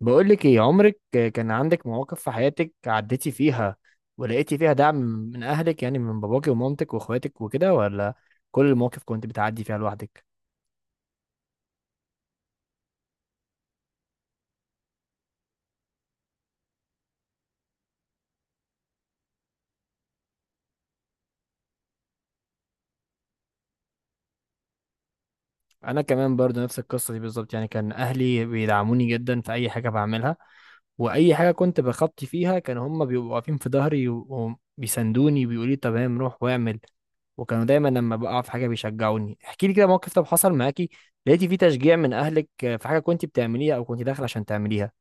بقولك ايه، عمرك كان عندك مواقف في حياتك عديتي فيها ولقيتي فيها دعم من اهلك، يعني من باباكي ومامتك واخواتك وكده، ولا كل المواقف كنت بتعدي فيها لوحدك؟ انا كمان برضو نفس القصة دي بالظبط، يعني كان اهلي بيدعموني جدا في اي حاجة بعملها، واي حاجة كنت بخطي فيها كانوا هم بيبقوا واقفين في ظهري وبيسندوني وبيقولوا لي تمام روح واعمل. وكانوا دايما لما بقع في حاجه بيشجعوني. احكي لي كده موقف، طب حصل معاكي لقيتي فيه تشجيع من اهلك في حاجه كنت بتعمليها او كنت داخل عشان تعمليها؟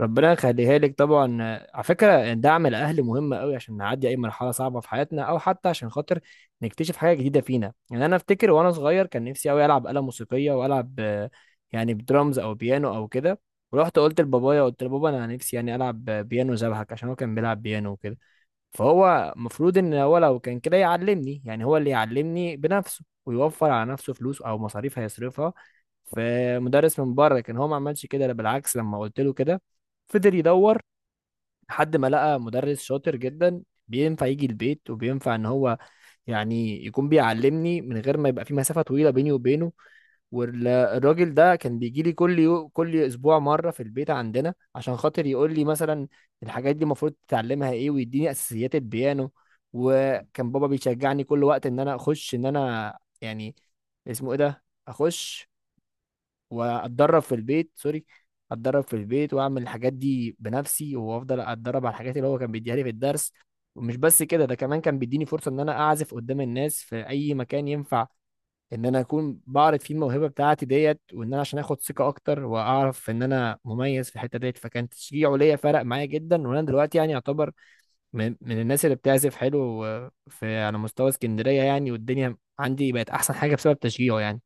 ربنا يخليها لك طبعا. على فكره دعم الاهل مهم قوي عشان نعدي اي مرحله صعبه في حياتنا، او حتى عشان خاطر نكتشف حاجه جديده فينا. يعني انا افتكر وانا صغير كان نفسي قوي العب آلة موسيقيه والعب يعني بدرامز او بيانو او كده. ورحت قلت لبابايا، قلت لبابا انا نفسي يعني العب بيانو زبحك، عشان هو كان بيلعب بيانو وكده. فهو المفروض ان هو لو كان كده يعلمني، يعني هو اللي يعلمني بنفسه ويوفر على نفسه فلوس او مصاريف هيصرفها في مدرس من بره. كان هو ما عملش كده، لا بالعكس لما قلت له كده فضل يدور لحد ما لقى مدرس شاطر جدا بينفع يجي البيت وبينفع ان هو يعني يكون بيعلمني من غير ما يبقى في مسافة طويلة بيني وبينه. والراجل ده كان بيجي لي كل اسبوع مره في البيت عندنا عشان خاطر يقول لي مثلا الحاجات دي المفروض تتعلمها ايه ويديني اساسيات البيانو. وكان بابا بيشجعني كل وقت ان انا اخش، ان انا يعني اسمه ايه ده اخش واتدرب في البيت، سوري اتدرب في البيت واعمل الحاجات دي بنفسي وافضل اتدرب على الحاجات اللي هو كان بيديها لي في الدرس. ومش بس كده، ده كمان كان بيديني فرصه ان انا اعزف قدام الناس في اي مكان ينفع ان انا اكون بعرف فيه الموهبه بتاعتي ديت، وان انا عشان اخد ثقه اكتر واعرف ان انا مميز في الحته ديت. فكان تشجيعه ليا فرق معايا جدا، وانا دلوقتي يعني اعتبر من الناس اللي بتعزف حلو في على مستوى اسكندريه يعني، والدنيا عندي بقت احسن حاجه بسبب تشجيعه يعني.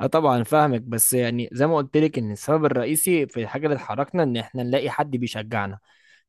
اه طبعا فاهمك، بس يعني زي ما قلت لك ان السبب الرئيسي في الحاجه اللي اتحركنا ان احنا نلاقي حد بيشجعنا.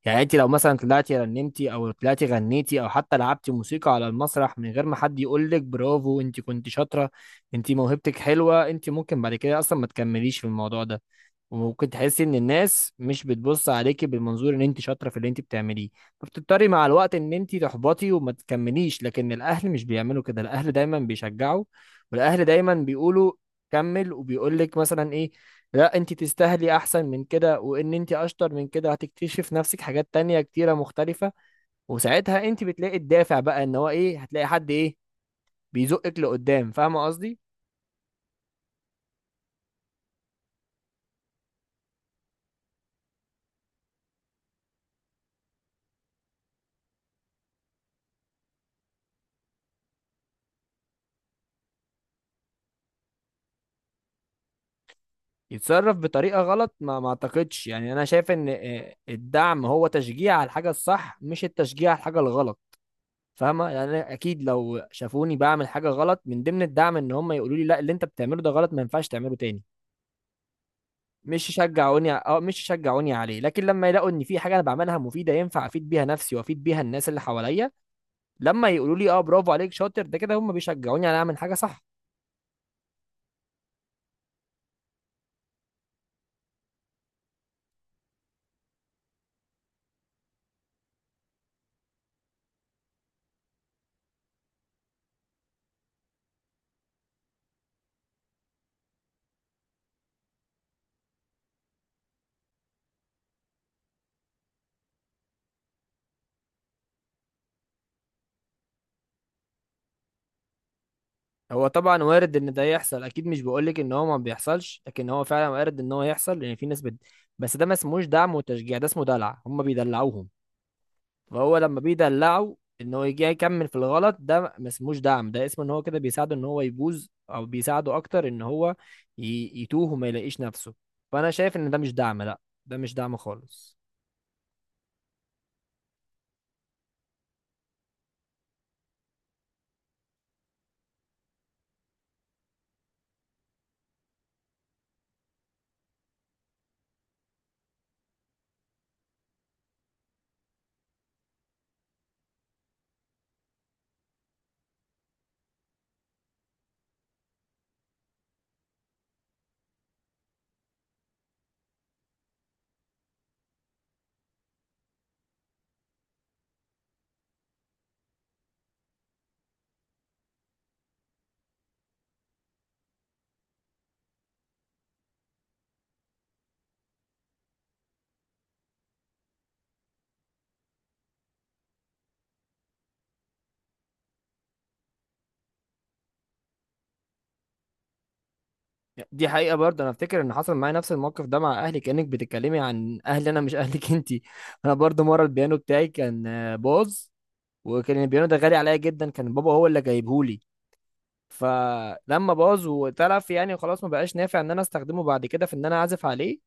يعني انت لو مثلا طلعتي رنمتي او طلعتي غنيتي او حتى لعبتي موسيقى على المسرح من غير ما حد يقول لك برافو انت كنت شاطره، انت موهبتك حلوه، انت ممكن بعد كده اصلا ما تكمليش في الموضوع ده، وممكن تحسي ان الناس مش بتبص عليكي بالمنظور ان انت شاطره في اللي انت بتعمليه. فبتضطري مع الوقت ان انت تحبطي وما تكمليش. لكن الاهل مش بيعملوا كده، الاهل دايما بيشجعوا، والاهل دايما بيقولوا كمل، وبيقول لك مثلا ايه، لا انت تستاهلي احسن من كده، وان انت اشطر من كده هتكتشف نفسك حاجات تانية كتيره مختلفه. وساعتها انت بتلاقي الدافع بقى ان هو ايه، هتلاقي حد ايه بيزقك لقدام. فاهمه قصدي؟ يتصرف بطريقة غلط؟ ما اعتقدش يعني، انا شايف ان الدعم هو تشجيع على الحاجة الصح، مش التشجيع على الحاجة الغلط. فاهمة يعني؟ أنا اكيد لو شافوني بعمل حاجة غلط من ضمن الدعم ان هم يقولوا لي لا اللي انت بتعمله ده غلط ما ينفعش تعمله تاني. مش يشجعوني، اه مش يشجعوني عليه. لكن لما يلاقوا ان في حاجة انا بعملها مفيدة ينفع افيد بيها نفسي وافيد بيها الناس اللي حواليا، لما يقولوا لي اه برافو عليك شاطر، ده كده هم بيشجعوني على اعمل حاجة صح. هو طبعا وارد ان ده يحصل، اكيد مش بقولك ان هو ما بيحصلش، لكن هو فعلا وارد ان هو يحصل لان في ناس بس ده ما اسموش دعم وتشجيع، ده اسمه دلع، هم بيدلعوهم. فهو لما بيدلعوا ان هو يجي يكمل في الغلط ده، ما اسموش دعم، ده اسمه ان هو كده بيساعده ان هو يبوظ، او بيساعده اكتر ان هو يتوه وما يلاقيش نفسه. فانا شايف ان ده مش دعم، لا ده مش دعم خالص. دي حقيقة برضه. انا افتكر ان حصل معايا نفس الموقف ده مع اهلي، كأنك بتتكلمي عن اهلي انا مش اهلك انتي انا برضه مرة البيانو بتاعي كان باظ، وكان البيانو ده غالي عليا جدا، كان بابا هو اللي جايبهولي. فلما باظ واتلف يعني خلاص ما بقاش نافع ان انا استخدمه بعد كده في ان انا اعزف عليه.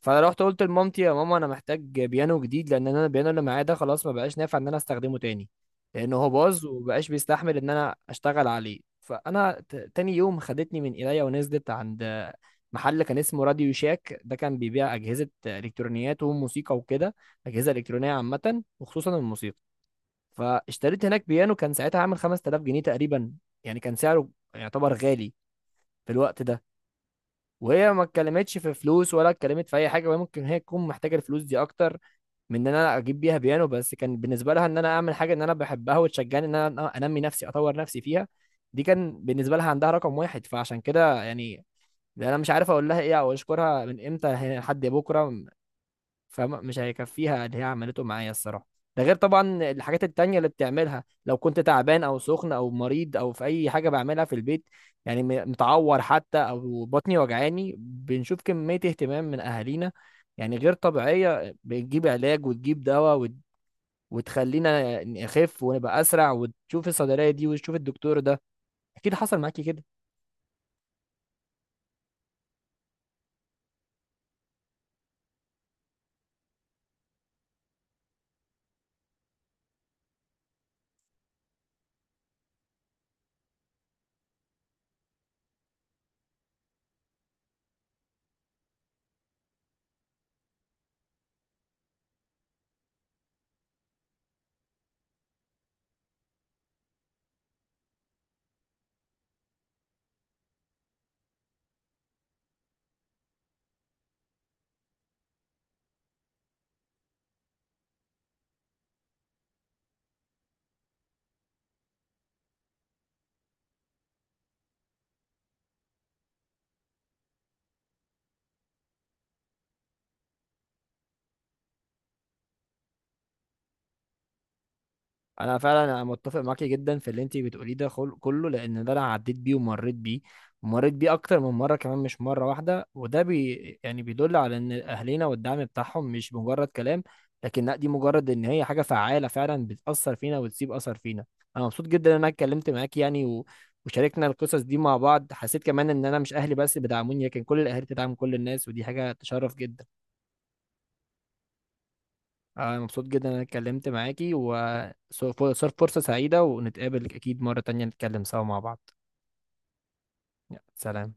فروحت قلت لمامتي يا ماما انا محتاج بيانو جديد، لان انا البيانو اللي معايا ده خلاص ما بقاش نافع ان انا استخدمه تاني، لان هو باظ ومبقاش بيستحمل ان انا اشتغل عليه. فانا تاني يوم خدتني من ايديا ونزلت عند محل كان اسمه راديو شاك، ده كان بيبيع اجهزه الكترونيات وموسيقى وكده، اجهزه الكترونيه عامه وخصوصا الموسيقى. فاشتريت هناك بيانو كان ساعتها عامل 5000 جنيه تقريبا، يعني كان سعره يعتبر غالي في الوقت ده. وهي ما اتكلمتش في فلوس ولا اتكلمت في اي حاجه، وهي ممكن هي تكون محتاجه الفلوس دي اكتر من ان انا اجيب بيها بيانو، بس كان بالنسبه لها ان انا اعمل حاجه ان انا بحبها وتشجعني ان انا انمي نفسي اطور نفسي فيها، دي كان بالنسبه لها عندها رقم واحد. فعشان كده يعني انا مش عارف اقول لها ايه او اشكرها من امتى لحد بكره، فمش هيكفيها اللي هي عملته معايا الصراحة. ده غير طبعا الحاجات التانية اللي بتعملها لو كنت تعبان أو سخن أو مريض أو في أي حاجة بعملها في البيت، يعني متعور حتى أو بطني وجعاني، بنشوف كمية اهتمام من أهالينا يعني غير طبيعية. بتجيب علاج وتجيب دواء وتخلينا نخف ونبقى أسرع، وتشوف الصيدلية دي وتشوف الدكتور ده. أكيد حصل معاكي كده. انا فعلا انا متفق معاكي جدا في اللي انت بتقوليه ده كله، لان ده انا عديت بيه ومريت بيه، ومريت بيه اكتر من مره كمان مش مره واحده. وده يعني بيدل على ان اهلنا والدعم بتاعهم مش مجرد كلام، لكن لا دي مجرد ان هي حاجه فعاله فعلا بتاثر فينا وتسيب اثر فينا. انا مبسوط جدا ان انا اتكلمت معاكي وشاركنا القصص دي مع بعض. حسيت كمان ان انا مش اهلي بس اللي بيدعموني، لكن كل الاهالي بتدعم كل الناس، ودي حاجه تشرف جدا. انا مبسوط جدا ان انا اتكلمت معاكي وصار فرصة سعيدة، ونتقابل اكيد مرة تانية نتكلم سوا مع بعض. يلا، سلام.